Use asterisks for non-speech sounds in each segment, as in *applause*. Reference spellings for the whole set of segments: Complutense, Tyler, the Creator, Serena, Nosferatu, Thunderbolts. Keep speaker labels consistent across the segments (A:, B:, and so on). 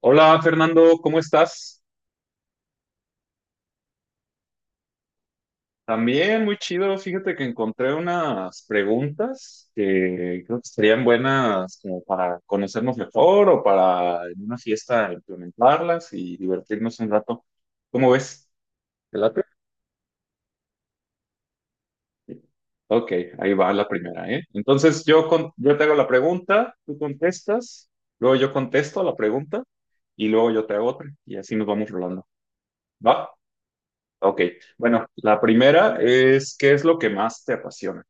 A: Hola Fernando, ¿cómo estás? También muy chido. Fíjate que encontré unas preguntas que creo que serían buenas como para conocernos mejor o para en una fiesta implementarlas y divertirnos un rato. ¿Cómo ves? ¿Te late? Ok, ahí va la primera, ¿eh? Entonces yo, yo te hago la pregunta, tú contestas, luego yo contesto la pregunta y luego yo te hago otra y así nos vamos rolando. ¿Va? Ok, bueno, la primera es, ¿qué es lo que más te apasiona?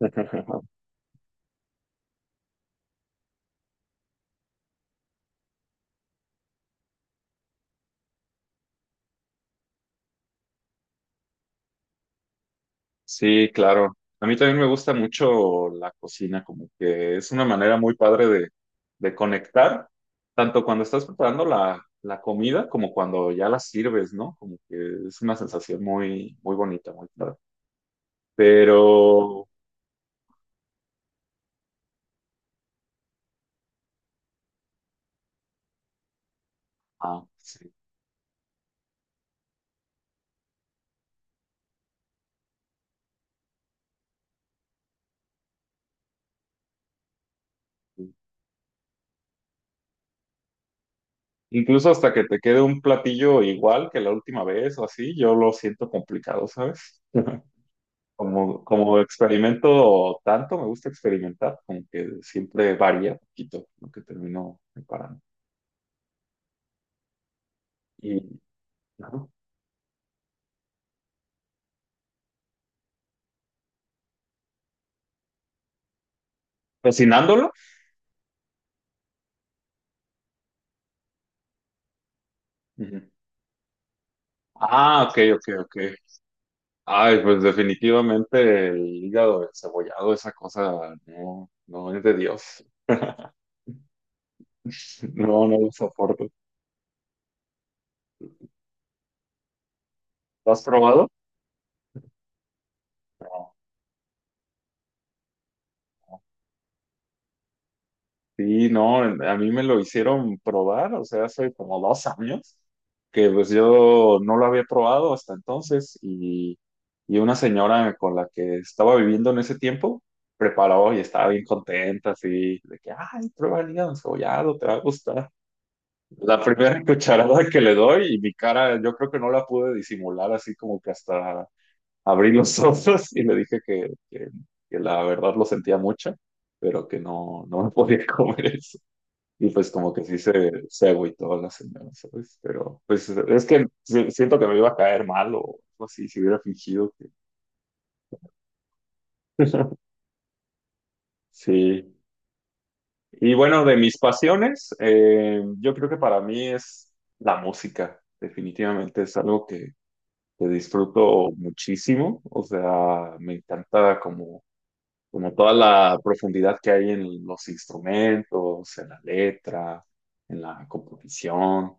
A: *laughs* Sí, claro. A mí también me gusta mucho la cocina, como que es una manera muy padre de conectar, tanto cuando estás preparando la comida como cuando ya la sirves, ¿no? Como que es una sensación muy, muy bonita, muy padre. Pero, ah, sí. Incluso hasta que te quede un platillo igual que la última vez o así, yo lo siento complicado, ¿sabes? *laughs* Como, como experimento tanto, me gusta experimentar, como que siempre varía un poquito lo que termino preparando. Y ajá. Cocinándolo. Ujú. Ah, ok, ok, ok. Ay, pues definitivamente el hígado cebollado esa cosa no, no es de Dios. *laughs* No, no lo soporto. ¿Lo has probado? No. Sí, no, a mí me lo hicieron probar, o sea, hace como 2 años, que pues yo no lo había probado hasta entonces y una señora con la que estaba viviendo en ese tiempo preparó y estaba bien contenta, así, de que, ay, prueba el hígado encebollado, te va a gustar. La primera *laughs* cucharada que le doy y mi cara, yo creo que no la pude disimular, así como que hasta abrí los *laughs* ojos y le dije que la verdad lo sentía mucho, pero que no, no me podía *laughs* comer eso. Y pues como que sí se agüitó la señora, ¿sabes? Pero pues es que siento que me iba a caer mal o algo así, si hubiera fingido que... *laughs* Sí. Y bueno, de mis pasiones, yo creo que para mí es la música. Definitivamente es algo que disfruto muchísimo. O sea, me encanta como, como toda la profundidad que hay en los instrumentos, en la letra, en la composición.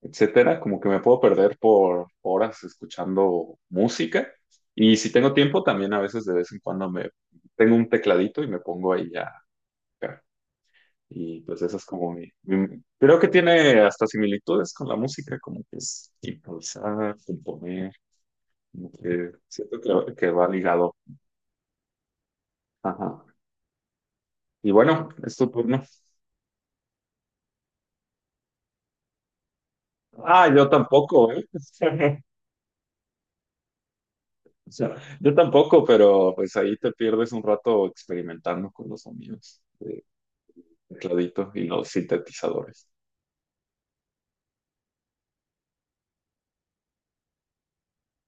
A: Etcétera, como que me puedo perder por horas escuchando música. Y si tengo tiempo, también a veces de vez en cuando me tengo un tecladito y me pongo ahí a tocar. Y pues esa es como mi- creo que tiene hasta similitudes con la música, como que es improvisar, componer, como que siento que va ligado. Ajá. Y bueno, es tu turno. Ah, yo tampoco, ¿eh? *laughs* O sea, yo tampoco, pero pues ahí te pierdes un rato experimentando con los sonidos. Tecladito y los sintetizadores.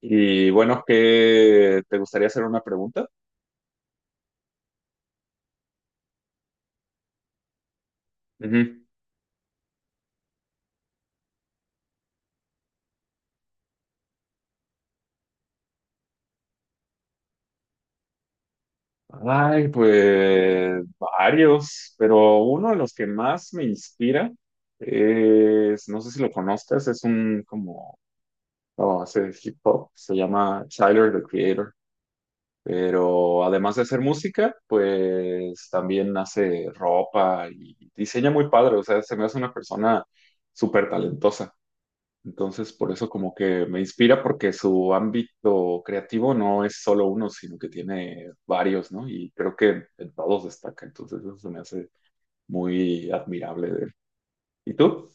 A: Y bueno, ¿qué te gustaría hacer una pregunta? Ujú. Ay, pues varios, pero uno de los que más me inspira es, no sé si lo conozcas, es un como, oh, hace hip hop, se llama Tyler, the Creator, pero además de hacer música, pues también hace ropa y diseña muy padre, o sea, se me hace una persona súper talentosa. Entonces, por eso como que me inspira porque su ámbito creativo no es solo uno, sino que tiene varios, ¿no? Y creo que en todos destaca. Entonces, eso se me hace muy admirable de él. ¿Y tú?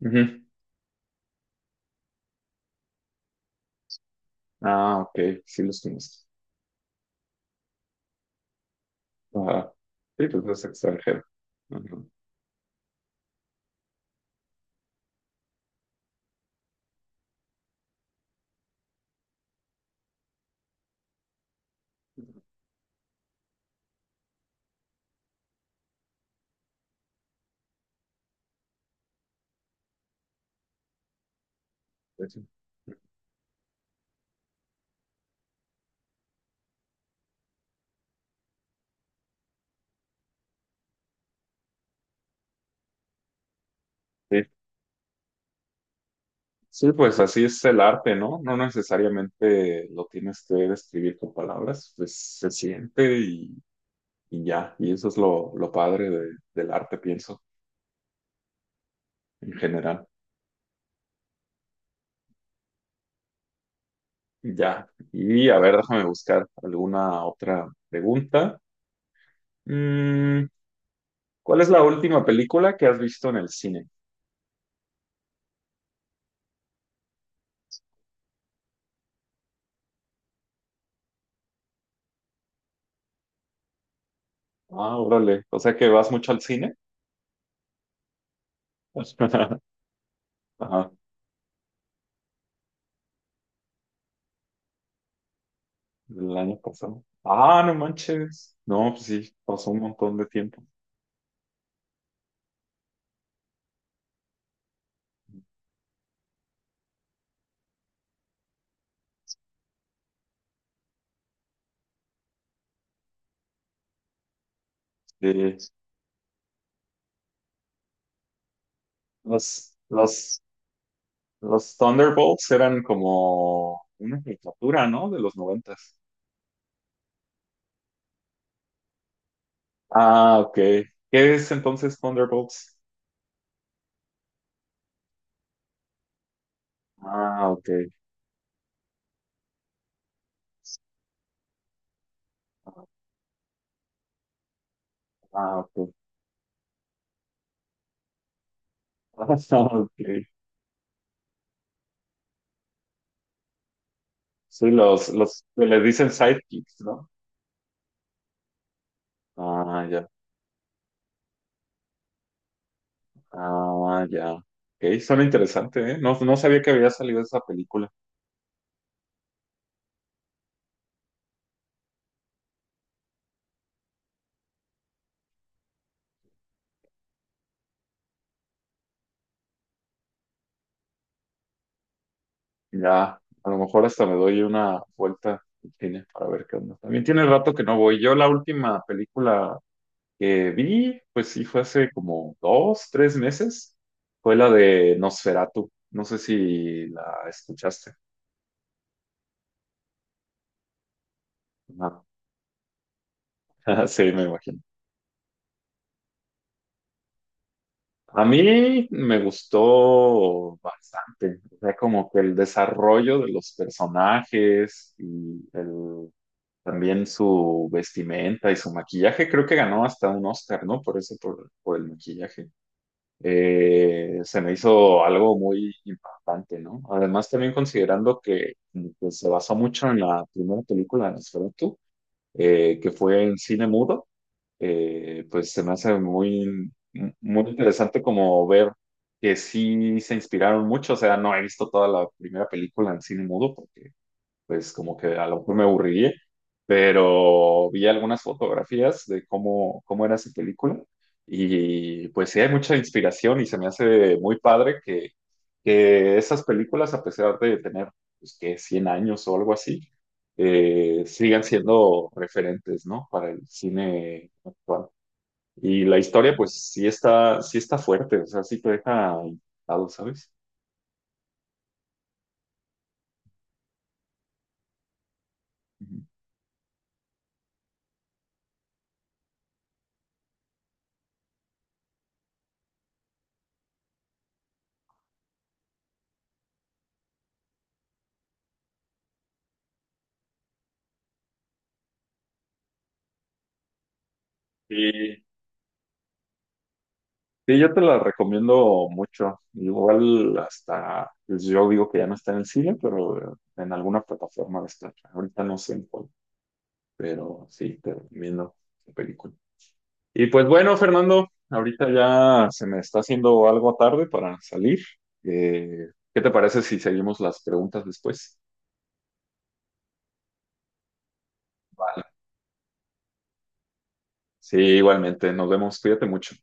A: Ujú. Ah, ok, sí los conozco. Ajá. Sí, pues no es extranjero. Ajá. Pues sí. Sí. Sí, pues así es el arte, ¿no? No necesariamente lo tienes que describir con palabras, pues se siente y ya. Y eso es lo padre del arte, pienso, en general. Ya. Y a ver, déjame buscar alguna otra pregunta. Mm, ¿Cuál es la última película que has visto en el cine? Ah, órale. O sea que vas mucho al cine. *laughs* Ajá, del año pasado. Ah, no manches. No, pues sí, pasó un montón de tiempo. Sí. Los, los, los Thunderbolts eran como una caricatura, ¿no? De los noventas. Ah, ok. ¿Qué es entonces Thunderbolts? Ah, ok. Ah, ok. *laughs* Ah, ok. Sí, los que les dicen sidekicks, ¿no? Ah, ya. Ah, ya. Ok, suena interesante, ¿eh? No, no sabía que había salido esa película. Ya, a lo mejor hasta me doy una vuelta al cine para ver qué onda. También tiene rato que no voy. Yo la última película que vi, pues sí, fue hace como 2, 3 meses. Fue la de Nosferatu. No sé si la escuchaste. No. *laughs* Sí, me imagino. A mí me gustó bastante, o sea, como que el desarrollo de los personajes y el, también su vestimenta y su maquillaje, creo que ganó hasta un Oscar, ¿no? Por eso, por el maquillaje. Se me hizo algo muy impactante, ¿no? Además, también considerando que se basó mucho en la primera película de Nosferatu, que fue en cine mudo, pues se me hace muy, muy interesante como ver que sí se inspiraron mucho, o sea, no he visto toda la primera película en cine mudo, porque pues como que a lo mejor me aburriría, pero vi algunas fotografías de cómo, cómo era esa película y pues sí hay mucha inspiración y se me hace muy padre que esas películas, a pesar de tener, pues que 100 años o algo así, sigan siendo referentes, ¿no? Para el cine actual. Y la historia, pues sí está fuerte, o sea, sí te deja impactado, ¿sabes? Ujú. Y sí, yo te la recomiendo mucho. Igual hasta, pues, yo digo que ya no está en el cine, pero en alguna plataforma va a estar. Ahorita no sé en cuál, pero sí, te recomiendo la película. Y pues bueno, Fernando, ahorita ya se me está haciendo algo tarde para salir. Eh, ¿Qué te parece si seguimos las preguntas después? Sí, igualmente, nos vemos, cuídate mucho.